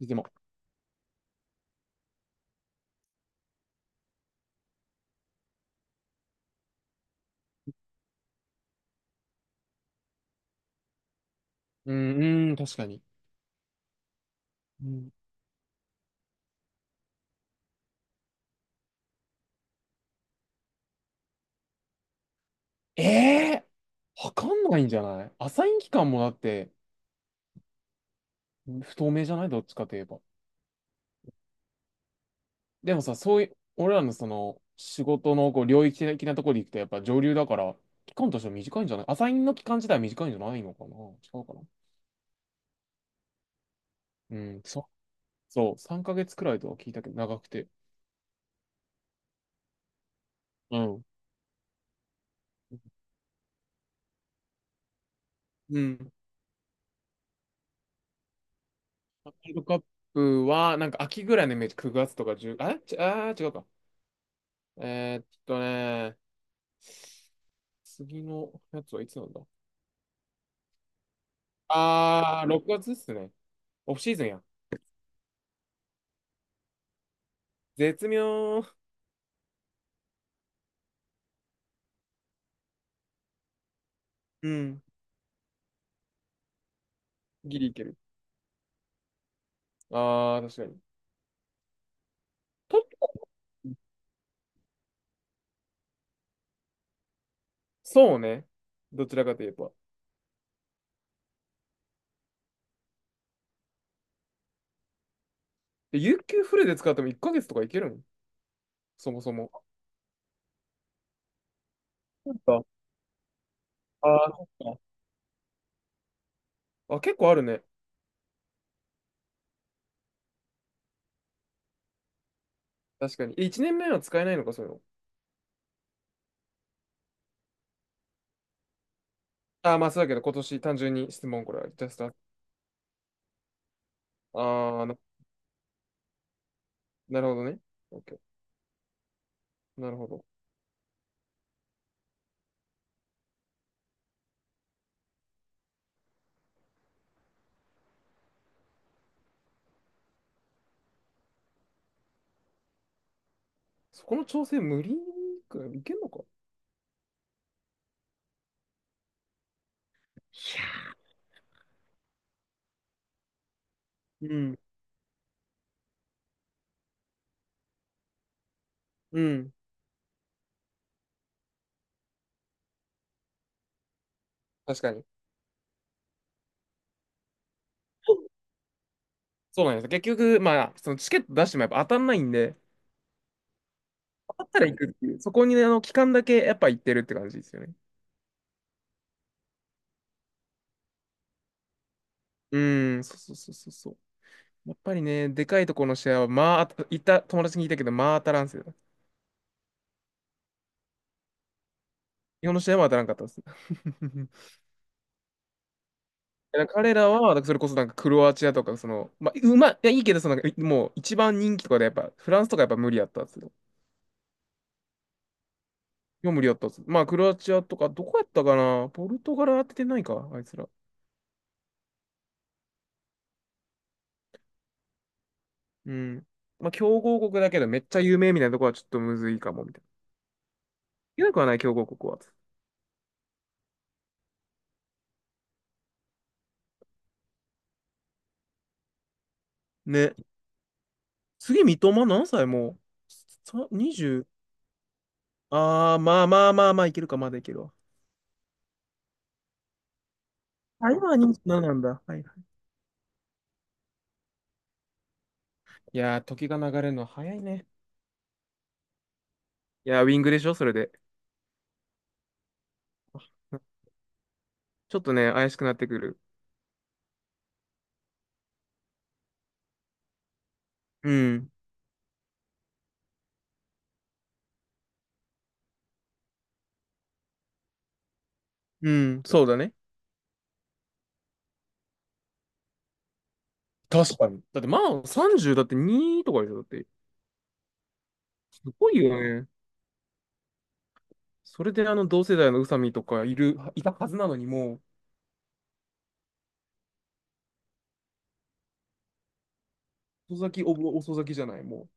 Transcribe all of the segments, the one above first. でも、うん、うん、確かに。うん、えわかんないんじゃない？アサイン期間もだって不透明じゃない？どっちかといえば。でもさ、そういう、俺らのその仕事のこう領域的なところで行くとやっぱ上流だから、期間としては短いんじゃない？アサインの期間自体は短いんじゃないのかな？違うかな。うん、そう、そう、3ヶ月くらいとは聞いたけど、長くて。うん。うん。ワールドカップは、なんか秋ぐらいのイメージ、9月とか1ああ、ち、あー、違うか。えーっとね次のやつはいつなんだ？6月っすね。オフシーズンや。絶妙。うん。ギリいける。確かに。と、そうね。どちらかといえば。で、有給フルで使っても1ヶ月とかいけるん？そもそも。なんか、そっか。あ、結構あるね。確かに。え、1年目は使えないのか、そういうの。まあそうだけど、今年単純に質問、これは。ジャストあー、な、なるほどね。オッケー。なるほど。そこの調整無理くらいいけんのか？うん。うん。確かに。そうなんですよ。結局、まあ、そのチケット出してもやっぱ当たんないんで、当たったら行くっていう、そこにねあの期間だけやっぱ行ってるって感じですよね。うーん、そうそうそうそうそう。やっぱりね、でかいところの試合は、まあ、行った友達に聞いたけど、まあ当たらんっすよ。日本の試合も当たらんかったです。彼らは、だからそれこそなんかクロアチアとか、その、まあ、うまい、いや、いいけど、その、なんかもう一番人気とかで、やっぱ、フランスとかやっぱ無理やったっすよ。もう無理やったっす。まあ、クロアチアとか、どこやったかな？ポルトガル当ててないか、あいつら。うん。まあ、強豪国だけどめっちゃ有名みたいなとこはちょっとむずいかも、みたいな。いけなくはない、強豪国は。ね。次、三笘何歳もうさ？ 20？ ああ、まあまあまあまあ、いけるか、まだいけるわ。あ、今は2なんだ。はいはい。いやー、時が流れるの早いね。いやー、ウィングでしょ、それで。ちょっとね、怪しくなってくる。うん。うん、そうだね。確かに。だって、まあ、30だって2とかでしょ、だって。すごいよね。それで、あの、同世代の宇佐美とかいたはずなのに、もう、遅咲き、遅咲きじゃない、も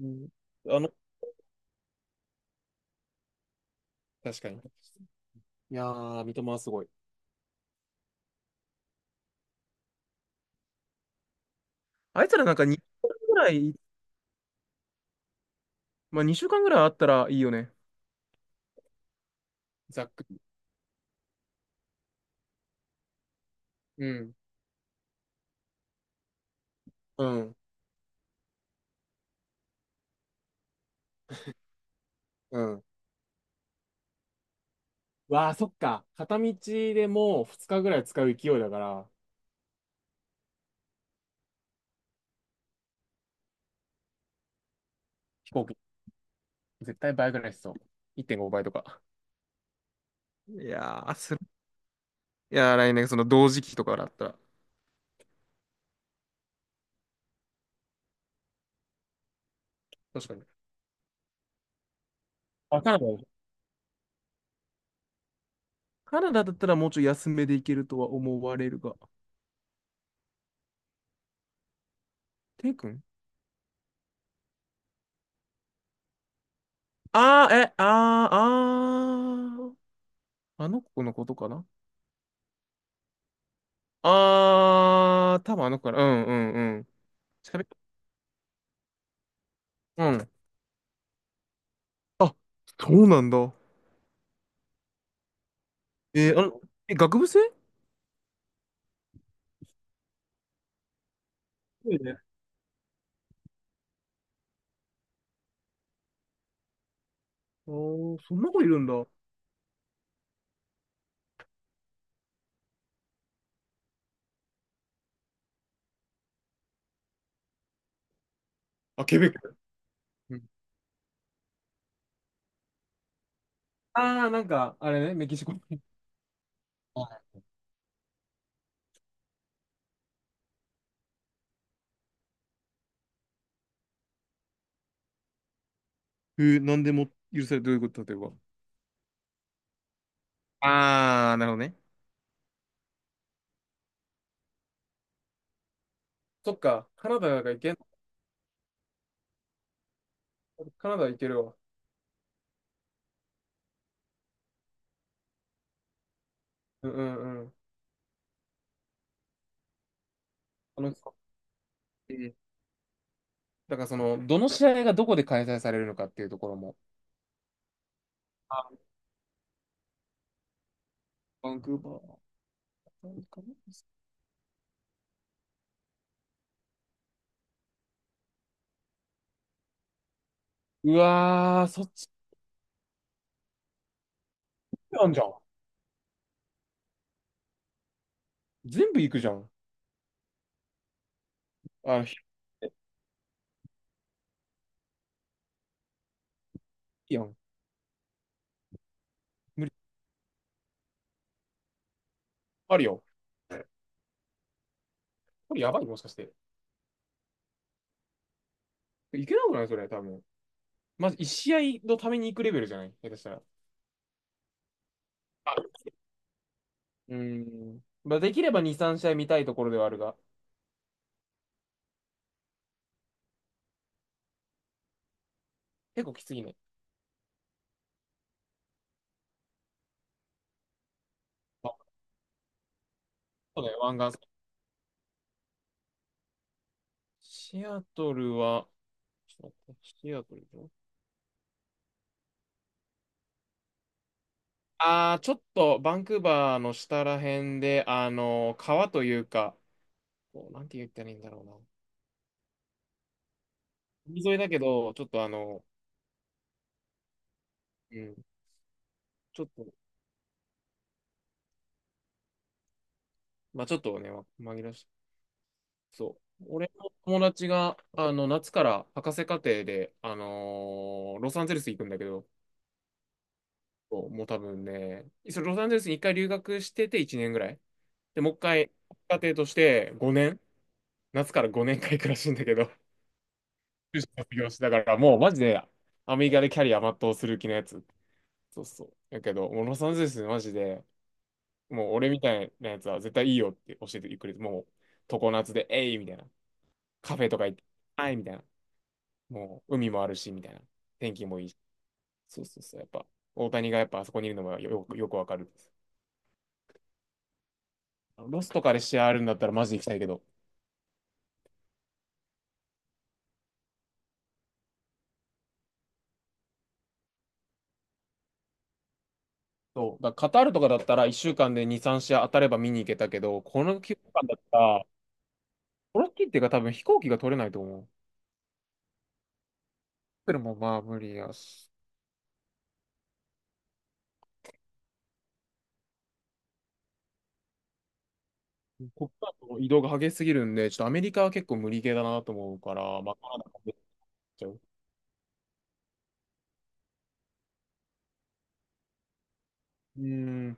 う？うん。あの、確かに。いやー、三笘はすごい。あいつらなんか2週間ぐらい、まあ2週間ぐらいあったらいいよね。ざっくり。うん。うん。うん。わあ、そっか。片道でもう2日ぐらい使う勢いだから、飛行機絶対倍ぐらいしそう。1.5倍とか。いやー、すいやー来年その同時期とかだったら。確かに。あ、カナダだったらもうちょい安めで行けるとは思われるが。テイ君？ああ、え、ああ、あの子のことかな？ああ、多分あの子かな。うんうんうん。喋っうん。あ、そうなんだ。あの、え、学部生？そうね。あーそんな子いるんだ。あ、ケベック。うん。ああ、なんか、あれね、メキシコ。あなんでも許される、どういうこと？例えば。ああ、なるほどね。そっか、カナダいけるわ。うんうんうん。あの、えーだからその、どの試合がどこで開催されるのかっていうところも。バンクーバー。なんかうわー、そっちなんじゃん。全部行くじゃん。あ、ひえい、いやん。無理。あるよ。これやばい、もしかして。いけなくないそれ、多分。まず1試合のために行くレベルじゃない？下手したら。あうーん。まあ、できれば2、3試合見たいところではあるが、結構きついね。あそうだよ、湾岸。シアトルは、ちょっと待って、シアトルでしょ？ああー、ちょっと、バンクーバーの下ら辺で、あの、川というか、こうなんて言ったらいいんだろうな。海沿いだけど、ちょっとあの、うん、ちょっと、まあちょっとね、紛らわしい、そう。俺の友達が、あの、夏から博士課程で、ロサンゼルス行くんだけど、そうもう多分ね、それロサンゼルスに一回留学してて1年ぐらい。で、もう一回、家庭として5年、夏から5年間行くらしいんだけど、修士卒業して、だからもうマジで、アメリカでキャリア全うする気のやつ。そうそう。だけど、もうロサンゼルスマジで、もう俺みたいなやつは絶対いいよって教えてくれて、もう常夏で、えいみたいな。カフェとか行って、あいみたいな。もう海もあるし、みたいな。天気もいいし。そうそうそう。やっぱ、大谷がやっぱあそこにいるのがよく、よくわかるです。ロスとかで試合あるんだったらマジで行きたいけど。そう。だからカタールとかだったら1週間で2、3試合当たれば見に行けたけど、この期間だったら、この期っていうか多分飛行機が取れないと思う。それもまあ無理やし。こっからの移動が激しすぎるんで、ちょっとアメリカは結構無理系だなと思うから、まあカナダもね。うん。